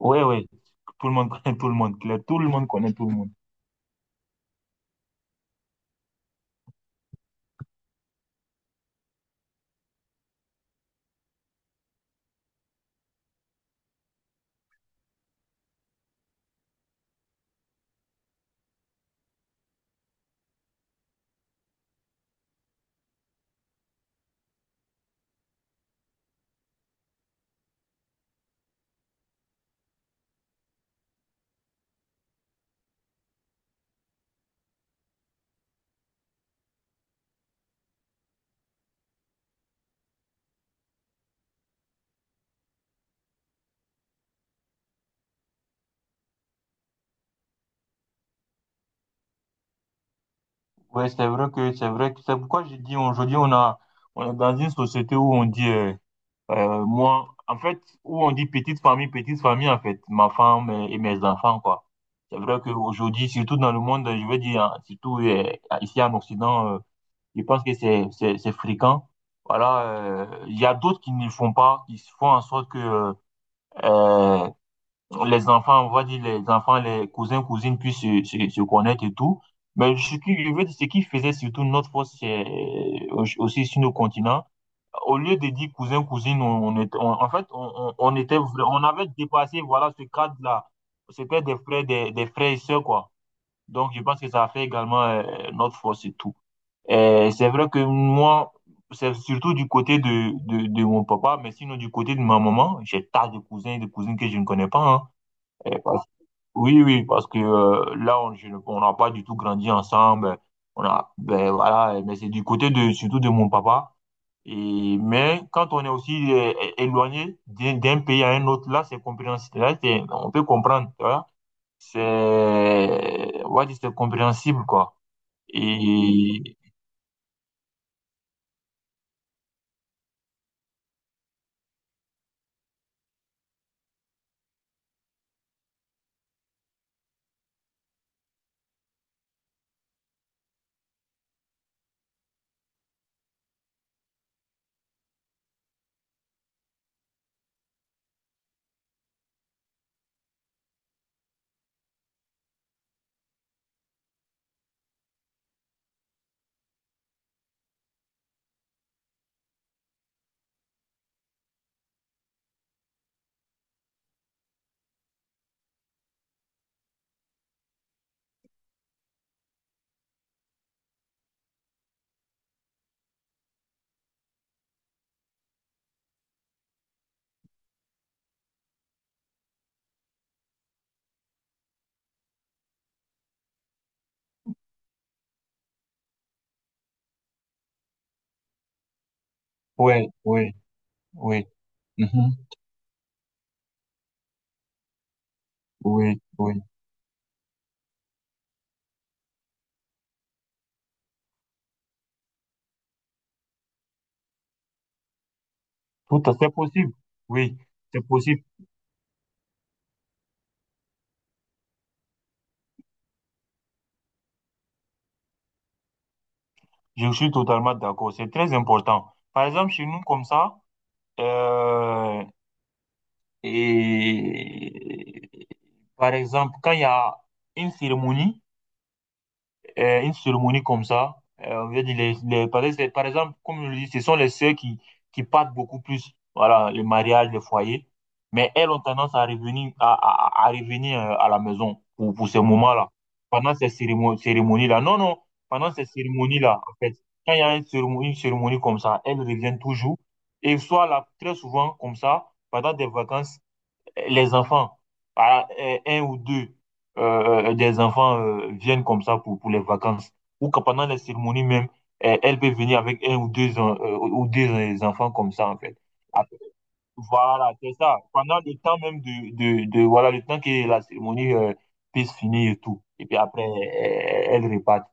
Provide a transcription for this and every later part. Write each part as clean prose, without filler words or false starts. Ouais, ouais, tout le monde connaît tout le monde, Claire. Tout le monde connaît tout le monde. Ouais, c'est vrai que c'est pourquoi je dis aujourd'hui on est dans une société où on dit moi en fait où on dit petite famille en fait, ma femme et mes enfants quoi. C'est vrai qu'aujourd'hui, surtout dans le monde, je veux dire hein, surtout ici en Occident, je pense que c'est c'est fréquent. Voilà, il y a d'autres qui ne le font pas, qui font en sorte que euh, les enfants, on va dire les enfants, les cousins, cousines puissent se connaître et tout. Mais ce qui, je veux dire, ce qui faisait surtout notre force c'est, aussi sur nos continents, au lieu de dire cousin, cousine, en fait, on était, on avait dépassé, voilà, ce cadre-là. C'était des frères, des frères et sœurs, quoi. Donc, je pense que ça a fait également notre force et tout. Et c'est vrai que moi, c'est surtout du côté de mon papa, mais sinon du côté de ma maman, j'ai tas de cousins et de cousines que je ne connais pas, hein. Euh, oui, oui, parce que là, on je ne- on n'a pas du tout grandi ensemble. On a, ben voilà, mais c'est du côté de surtout de mon papa. Et mais quand on est aussi éloigné d'un pays à un autre, là, c'est compréhensible. Là, on peut comprendre, tu vois. C'est, on va dire, c'est compréhensible, quoi. Et ouais, oui, oui. Mhm. Oui, oui. Tout à fait possible. Oui, c'est possible. Je suis totalement d'accord. C'est très important. Par exemple, chez nous, comme ça. Euh, et Par exemple, quand il y a une cérémonie, une cérémonie comme ça. On veut dire par exemple, comme je le dis, ce sont les sœurs qui partent beaucoup plus, voilà, les mariages, les foyers. Mais elles ont tendance à revenir, à revenir à la maison pour ces moments-là. Pendant ces cérémonies, cérémonies-là. Non, non, pendant ces cérémonies-là, en fait, quand il y a une cérémonie comme ça, elles reviennent toujours. Et soit là, très souvent, comme ça, pendant des vacances, les enfants, un ou deux des enfants viennent comme ça pour les vacances. Ou que pendant les cérémonies même, eh, elle peut venir avec un ou deux, enfants comme ça, en fait. Après, voilà, c'est ça. Pendant le temps même voilà, le temps que la cérémonie puisse finir et tout. Et puis après, eh, elle repart.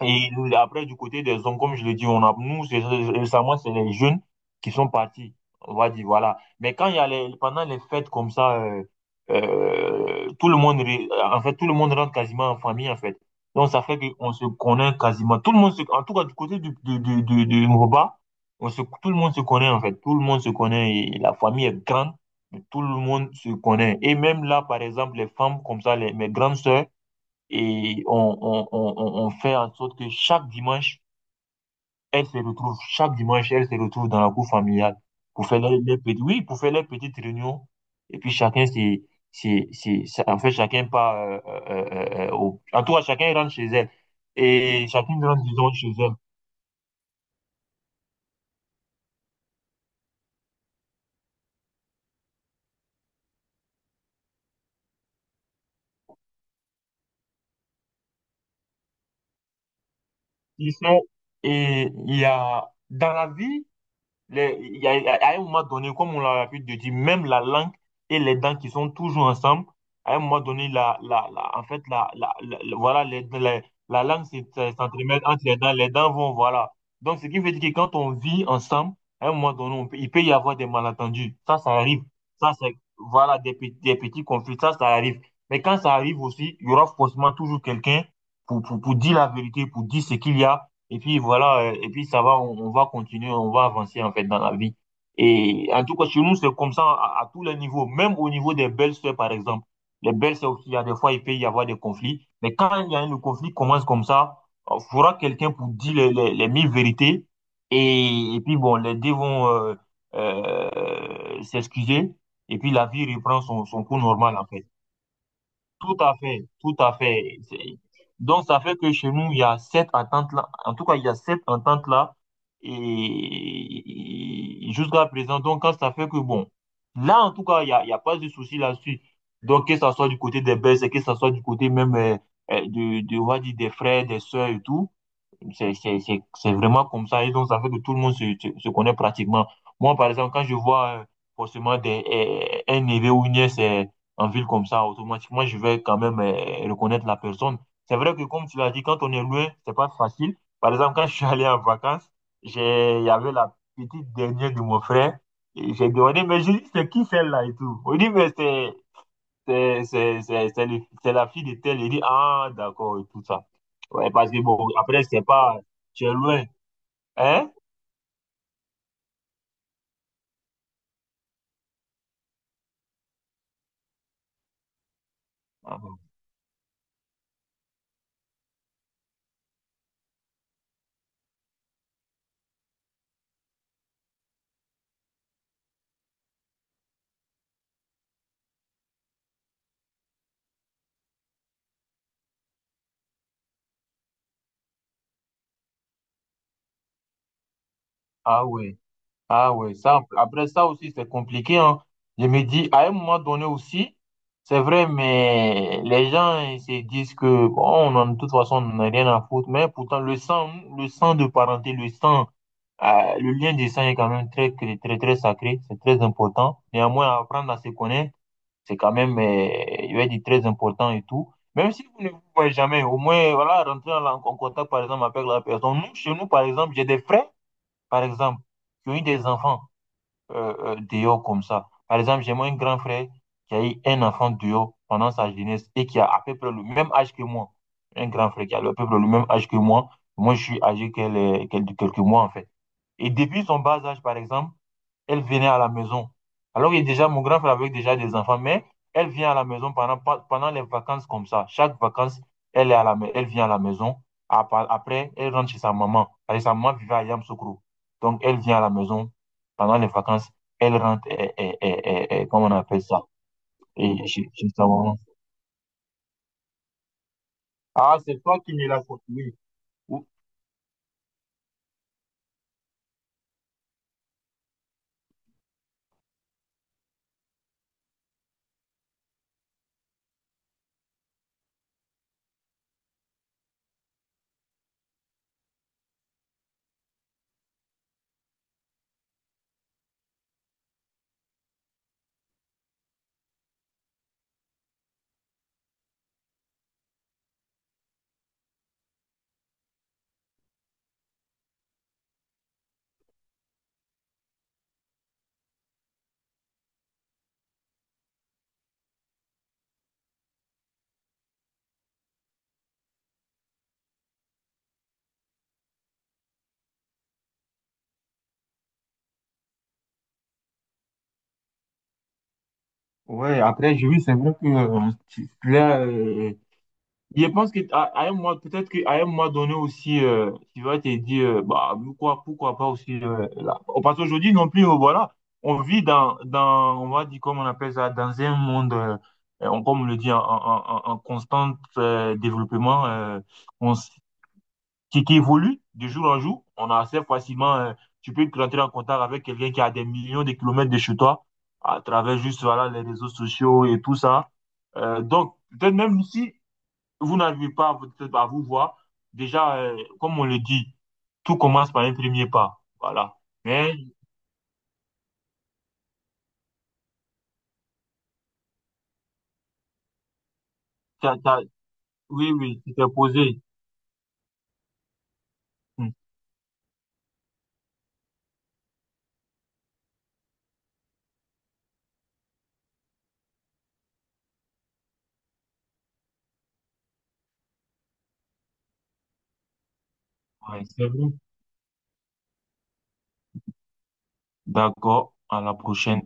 Et après, du côté des hommes, comme je le dis, nous, récemment, c'est les jeunes qui sont partis. On va dire, voilà. Mais quand il y a les, pendant les fêtes comme ça, tout le monde, en fait, tout le monde rentre quasiment en famille, en fait. Donc, ça fait qu'on se connaît quasiment. Tout le monde se, en tout cas, du côté du Yoruba, on se, tout le monde se connaît, en fait. Tout le monde se connaît et la famille est grande. Mais tout le monde se connaît. Et même là, par exemple, les femmes comme ça, les, mes grandes sœurs, et on fait en sorte que chaque dimanche, elles se retrouvent, chaque dimanche, elles se retrouvent dans la cour familiale pour faire les, petites, oui, pour faire les petites réunions. Et puis chacun, en fait, chacun part, en tout cas, chacun rentre chez elle. Et chacune rentre, disons, chez elle. Ils sont, et il y a, dans la vie, il y a, à un moment donné, comme on l'a pu dire, même la langue et les dents qui sont toujours ensemble, à un moment donné, en fait, voilà, la langue s'entremêle entre les dents vont, voilà. Donc, ce qui veut dire que quand on vit ensemble, à un moment donné, il peut y avoir des malentendus. Ça arrive. Ça, c'est, voilà, des petits conflits. Ça arrive. Mais quand ça arrive aussi, il y aura forcément toujours quelqu'un pour dire la vérité, pour dire ce qu'il y a et puis voilà, et puis ça va, on va continuer, on va avancer en fait dans la vie. Et en tout cas, chez nous, c'est comme ça à tous les niveaux, même au niveau des belles-sœurs, par exemple. Les belles-sœurs aussi, il y a des fois, il peut y avoir des conflits. Mais quand il y a un conflit qui commence comme ça, il faudra quelqu'un pour dire les mille vérités. Et puis bon, les deux vont s'excuser. Et puis la vie reprend son, son cours normal, en fait. Tout à fait, tout à fait. Donc, ça fait que chez nous, il y a cette entente-là. En tout cas, il y a cette entente-là. Et jusqu'à présent, donc, quand ça fait que, bon, là, en tout cas, il y a pas de souci là-dessus. Donc, que ça soit du côté des Belges, que ça soit du côté même on va dire, des frères, des sœurs et tout. C'est vraiment comme ça. Et donc, ça fait que tout le monde se connaît pratiquement. Moi, par exemple, quand je vois forcément un neveu ou une nièce en ville comme ça, automatiquement, je vais quand même reconnaître la personne. C'est vrai que, comme tu l'as dit, quand on est loin, c'est pas facile. Par exemple, quand je suis allé en vacances, il y avait la petite dernière de mon frère. Et j'ai demandé, mais je dis, c'est qui celle-là et tout? On dit, mais c'est la fille de tel. Il dit, ah, d'accord, et tout ça. Ouais, parce que bon, après, c'est pas, tu es loin. Hein? Ah bon. Ah ouais, ah ouais. Ça, après ça aussi, c'est compliqué, hein. Je me dis, à un moment donné aussi, c'est vrai, mais les gens, ils se disent que, bon, de toute façon, on n'a rien à foutre. Mais pourtant, le sang de parenté, le sang, le lien du sang est quand même très, très, très sacré. C'est très important. Néanmoins, apprendre à se connaître c'est quand même, je vais dire, très important et tout. Même si vous ne vous voyez jamais, au moins, voilà, rentrer en contact, par exemple, avec la personne. Nous, chez nous, par exemple, j'ai des frères, par exemple, qui ont eu des enfants dehors comme ça. Par exemple, j'ai moi un grand frère qui a eu un enfant dehors pendant sa jeunesse et qui a à peu près le même âge que moi. Un grand frère qui a à peu près le même âge que moi. Moi, je suis âgé de quelques mois, en fait. Et depuis son bas âge, par exemple, elle venait à la maison. Alors que déjà, mon grand frère avait déjà des enfants, mais elle vient à la maison pendant, pendant les vacances comme ça. Chaque vacances, elle vient à la maison. Après, elle rentre chez sa maman. Parce sa maman vivait à Yamoussoukro. Donc, elle vient à la maison pendant les vacances. Elle rentre, comment on appelle ça? Et, chez sa maman. Ah, c'est toi qui me l'as construit. Ou- Ouais, après, je oui, c'est vrai que tu l'as, je pense que à un moment, peut-être qu'à un moment donné aussi, tu vas te dire, bah, pourquoi, pourquoi pas aussi là. Parce qu'aujourd'hui non plus, voilà, on vit dans, on va dire, comme on appelle ça, dans un monde, comme on le dit, en constant développement, on s- qui évolue de jour en jour. On a assez facilement, tu peux rentrer en contact avec quelqu'un qui a des millions de kilomètres de chez toi, à travers juste, voilà, les réseaux sociaux et tout ça. Donc, peut-être même ici vous n'arrivez pas peut-être à vous voir. Déjà, comme on le dit, tout commence par un premier pas. Voilà. Mais t'as- t'as- oui, oui, tu t'es posé. Hmm. Ouais, c'est bon. D'accord. À la prochaine.